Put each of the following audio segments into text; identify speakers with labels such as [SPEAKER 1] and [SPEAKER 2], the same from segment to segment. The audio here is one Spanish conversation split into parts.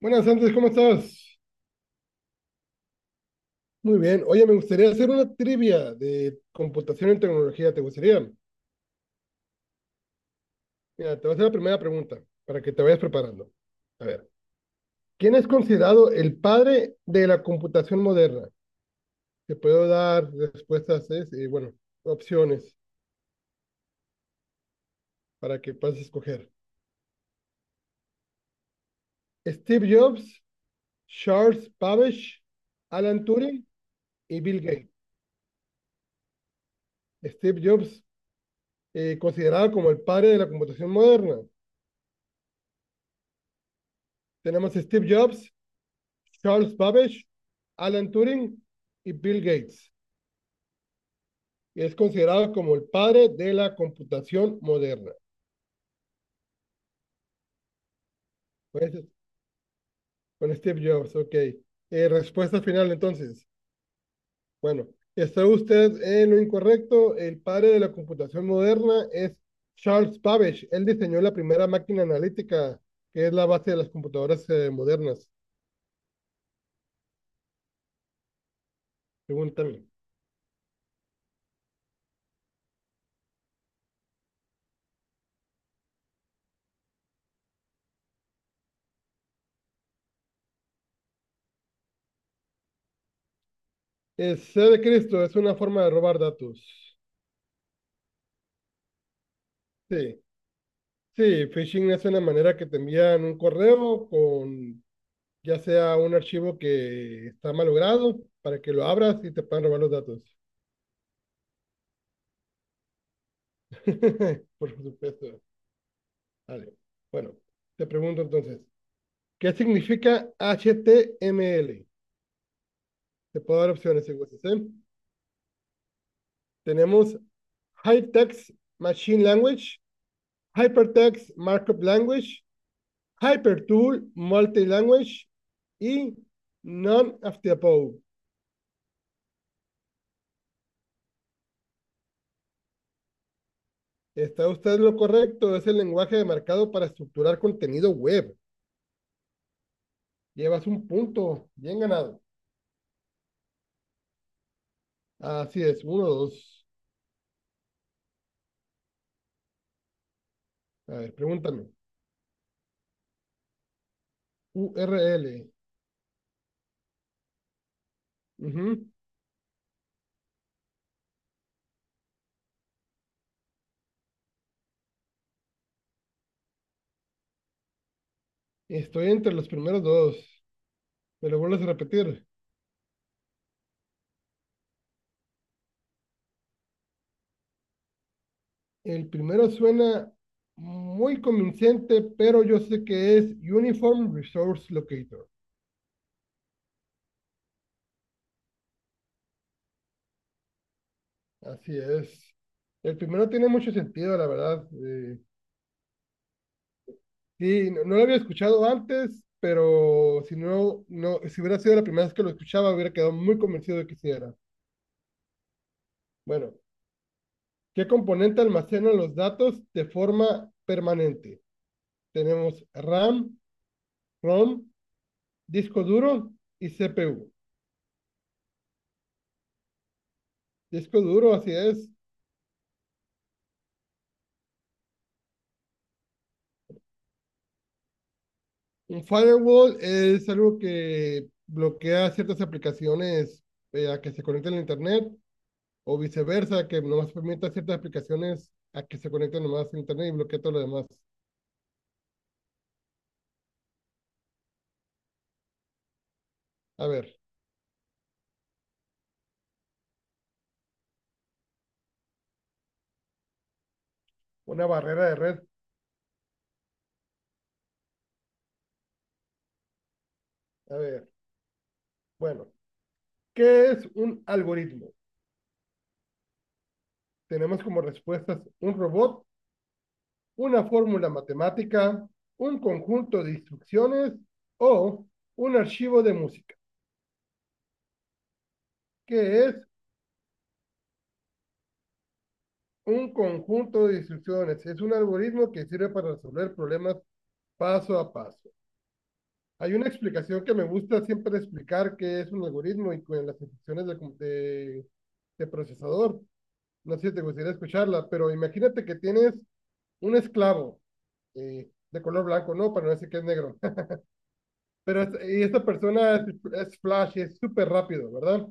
[SPEAKER 1] Buenas, Andrés, ¿cómo estás? Muy bien. Oye, me gustaría hacer una trivia de computación en tecnología. ¿Te gustaría? Mira, te voy a hacer la primera pregunta para que te vayas preparando. A ver, ¿quién es considerado el padre de la computación moderna? Te puedo dar respuestas, es, bueno, opciones para que puedas escoger. Steve Jobs, Charles Babbage, Alan Turing y Bill Gates. Steve Jobs, considerado como el padre de la computación moderna. Tenemos a Steve Jobs, Charles Babbage, Alan Turing y Bill Gates. Y es considerado como el padre de la computación moderna. Pues, con Steve Jobs, ok. Respuesta final entonces. Bueno, está usted en lo incorrecto. El padre de la computación moderna es Charles Babbage. Él diseñó la primera máquina analítica, que es la base de las computadoras modernas, según también. El C de Cristo es una forma de robar datos. Sí. Sí, phishing es una manera que te envían un correo con ya sea un archivo que está malogrado para que lo abras y te puedan robar los datos. Por supuesto. Vale. Bueno, te pregunto entonces, ¿qué significa HTML? Te puedo dar opciones si gustas, ¿eh? Tenemos High Text Machine Language, Hypertext Markup Language, Hypertool Multilanguage y None of the Above. Está usted en lo correcto, es el lenguaje de mercado para estructurar contenido web. Llevas un punto, bien ganado. Así es, uno, dos. A ver, pregúntame. URL. Ujú. Estoy entre los primeros dos. Me lo vuelves a repetir. El primero suena muy convincente, pero yo sé que es Uniform Resource Locator. Así es. El primero tiene mucho sentido, la verdad. Sí, no, no lo había escuchado antes, pero si no, no, si hubiera sido la primera vez que lo escuchaba, hubiera quedado muy convencido de que sí era. Bueno, ¿qué componente almacena los datos de forma permanente? Tenemos RAM, ROM, disco duro y CPU. Disco duro, así es. Un firewall es algo que bloquea ciertas aplicaciones a que se conecten a Internet o viceversa, que nomás permite a ciertas aplicaciones a que se conecten nomás a Internet y bloquea todo lo demás. A ver, una barrera de red. A ver, bueno, ¿qué es un algoritmo? Tenemos como respuestas un robot, una fórmula matemática, un conjunto de instrucciones o un archivo de música. ¿Qué es un conjunto de instrucciones? Es un algoritmo que sirve para resolver problemas paso a paso. Hay una explicación que me gusta siempre explicar que es un algoritmo y con las instrucciones de procesador. No sé si te gustaría escucharla, pero imagínate que tienes un esclavo de color blanco, no, para no decir que es negro. Y esta persona es flash, es súper rápido, ¿verdad?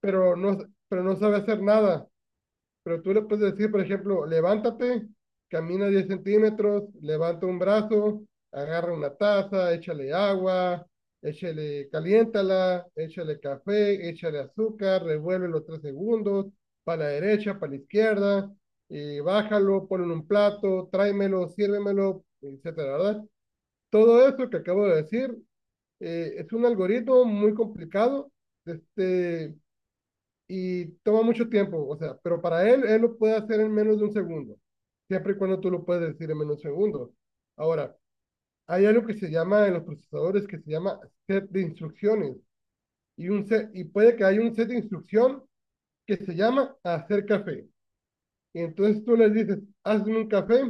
[SPEAKER 1] Pero no, pero no sabe hacer nada. Pero tú le puedes decir, por ejemplo, levántate, camina 10 centímetros, levanta un brazo, agarra una taza, échale agua, échale, caliéntala, échale café, échale azúcar, revuélvelo 3 segundos, para la derecha, para la izquierda, y bájalo, ponlo en un plato, tráemelo, sírvemelo, etcétera, ¿verdad? Todo eso que acabo de decir es un algoritmo muy complicado. Este, y toma mucho tiempo, o sea, pero para él, él lo puede hacer en menos de un segundo, siempre y cuando tú lo puedes decir en menos de un segundo. Ahora, hay algo que se llama en los procesadores que se llama set de instrucciones y, un set, y puede que haya un set de instrucción que se llama hacer café. Y entonces tú le dices, hazme un café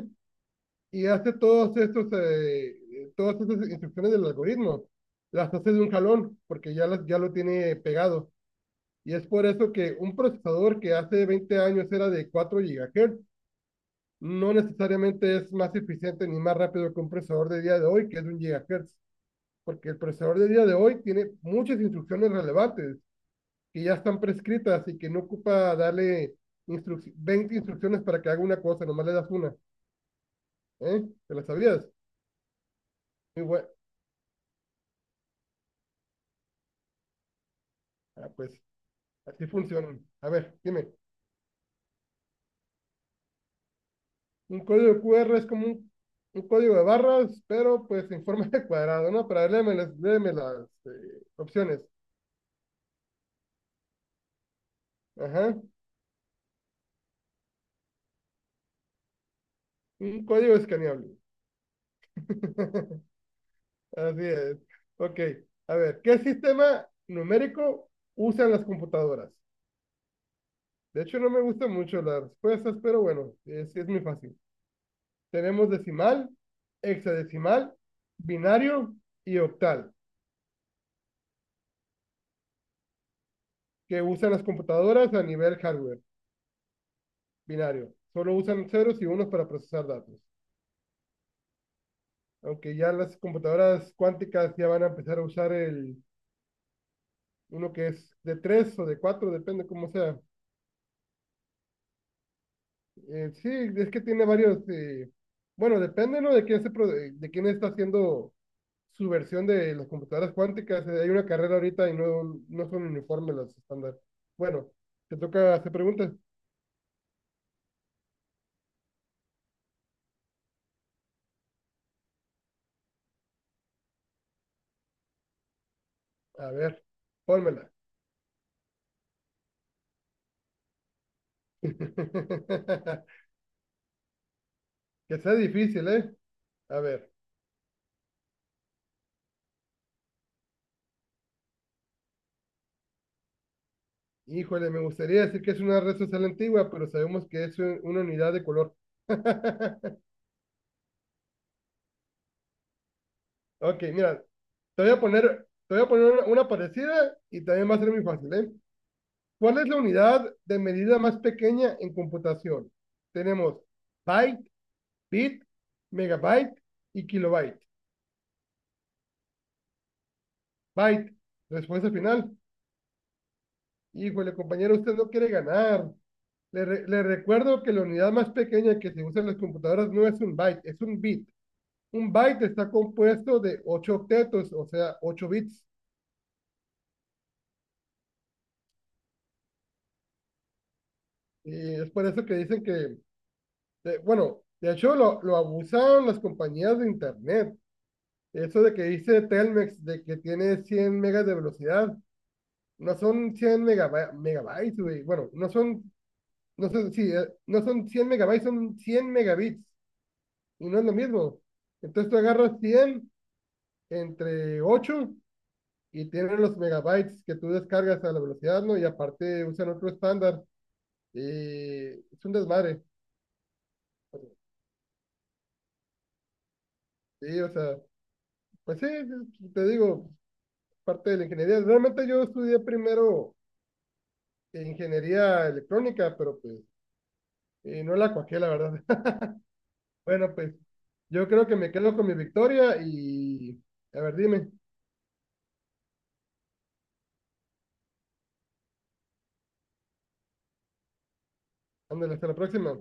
[SPEAKER 1] y hace todos estos, todas estas instrucciones del algoritmo. Las hace de un jalón porque ya, las, ya lo tiene pegado. Y es por eso que un procesador que hace 20 años era de 4 GHz no necesariamente es más eficiente ni más rápido que un procesador de día de hoy, que es de 1 GHz porque el procesador de día de hoy tiene muchas instrucciones relevantes que ya están prescritas y que no ocupa darle instruc 20 instrucciones para que haga una cosa, nomás le das una. ¿Eh? ¿Te la sabías? Muy bueno. Ah, pues así funcionan. A ver, dime. Un código QR es como un código de barras, pero pues en forma de cuadrado, ¿no? Pero a ver, léeme las opciones. Ajá. Un código escaneable. Así es. Ok. A ver, ¿qué sistema numérico usan las computadoras? De hecho, no me gustan mucho las respuestas, pero bueno, es muy fácil. Tenemos decimal, hexadecimal, binario y octal, que usan las computadoras a nivel hardware, binario. Solo usan ceros y unos para procesar datos. Aunque ya las computadoras cuánticas ya van a empezar a usar uno que es de 3 o de 4 depende cómo sea. Sí, es que tiene varios, bueno, depende, ¿no? De quién está haciendo su versión de las computadoras cuánticas. Hay una carrera ahorita y no, no son uniformes las estándar. Bueno, te toca hacer preguntas. A ver, pónmela. Que sea difícil, ¿eh? A ver. Híjole, me gustaría decir que es una red social antigua, pero sabemos que es una unidad de color. Ok, mira, te voy a poner una parecida y también va a ser muy fácil, ¿eh? ¿Cuál es la unidad de medida más pequeña en computación? Tenemos byte, bit, megabyte y kilobyte. Byte, respuesta final. Híjole, compañero, usted no quiere ganar. Le recuerdo que la unidad más pequeña que se usa en las computadoras no es un byte, es un bit. Un byte está compuesto de 8 octetos, o sea, 8 bits. Y es por eso que dicen que, de- bueno, de hecho lo abusaron las compañías de Internet. Eso de que dice Telmex de que tiene 100 megas de velocidad, no son 100 megab megabytes, güey. Bueno, no son, sí, no son 100 megabytes, son 100 megabits. Y no es lo mismo. Entonces tú agarras 100 entre 8 y tienen los megabytes que tú descargas a la velocidad, ¿no? Y aparte usan otro estándar. Y es un desmadre. Sí, o sea, pues sí, sí, te digo, parte de la ingeniería. Realmente yo estudié primero ingeniería electrónica, pero pues no la cuajé, la verdad. Bueno, pues yo creo que me quedo con mi victoria y a ver, dime, ándale, hasta la próxima.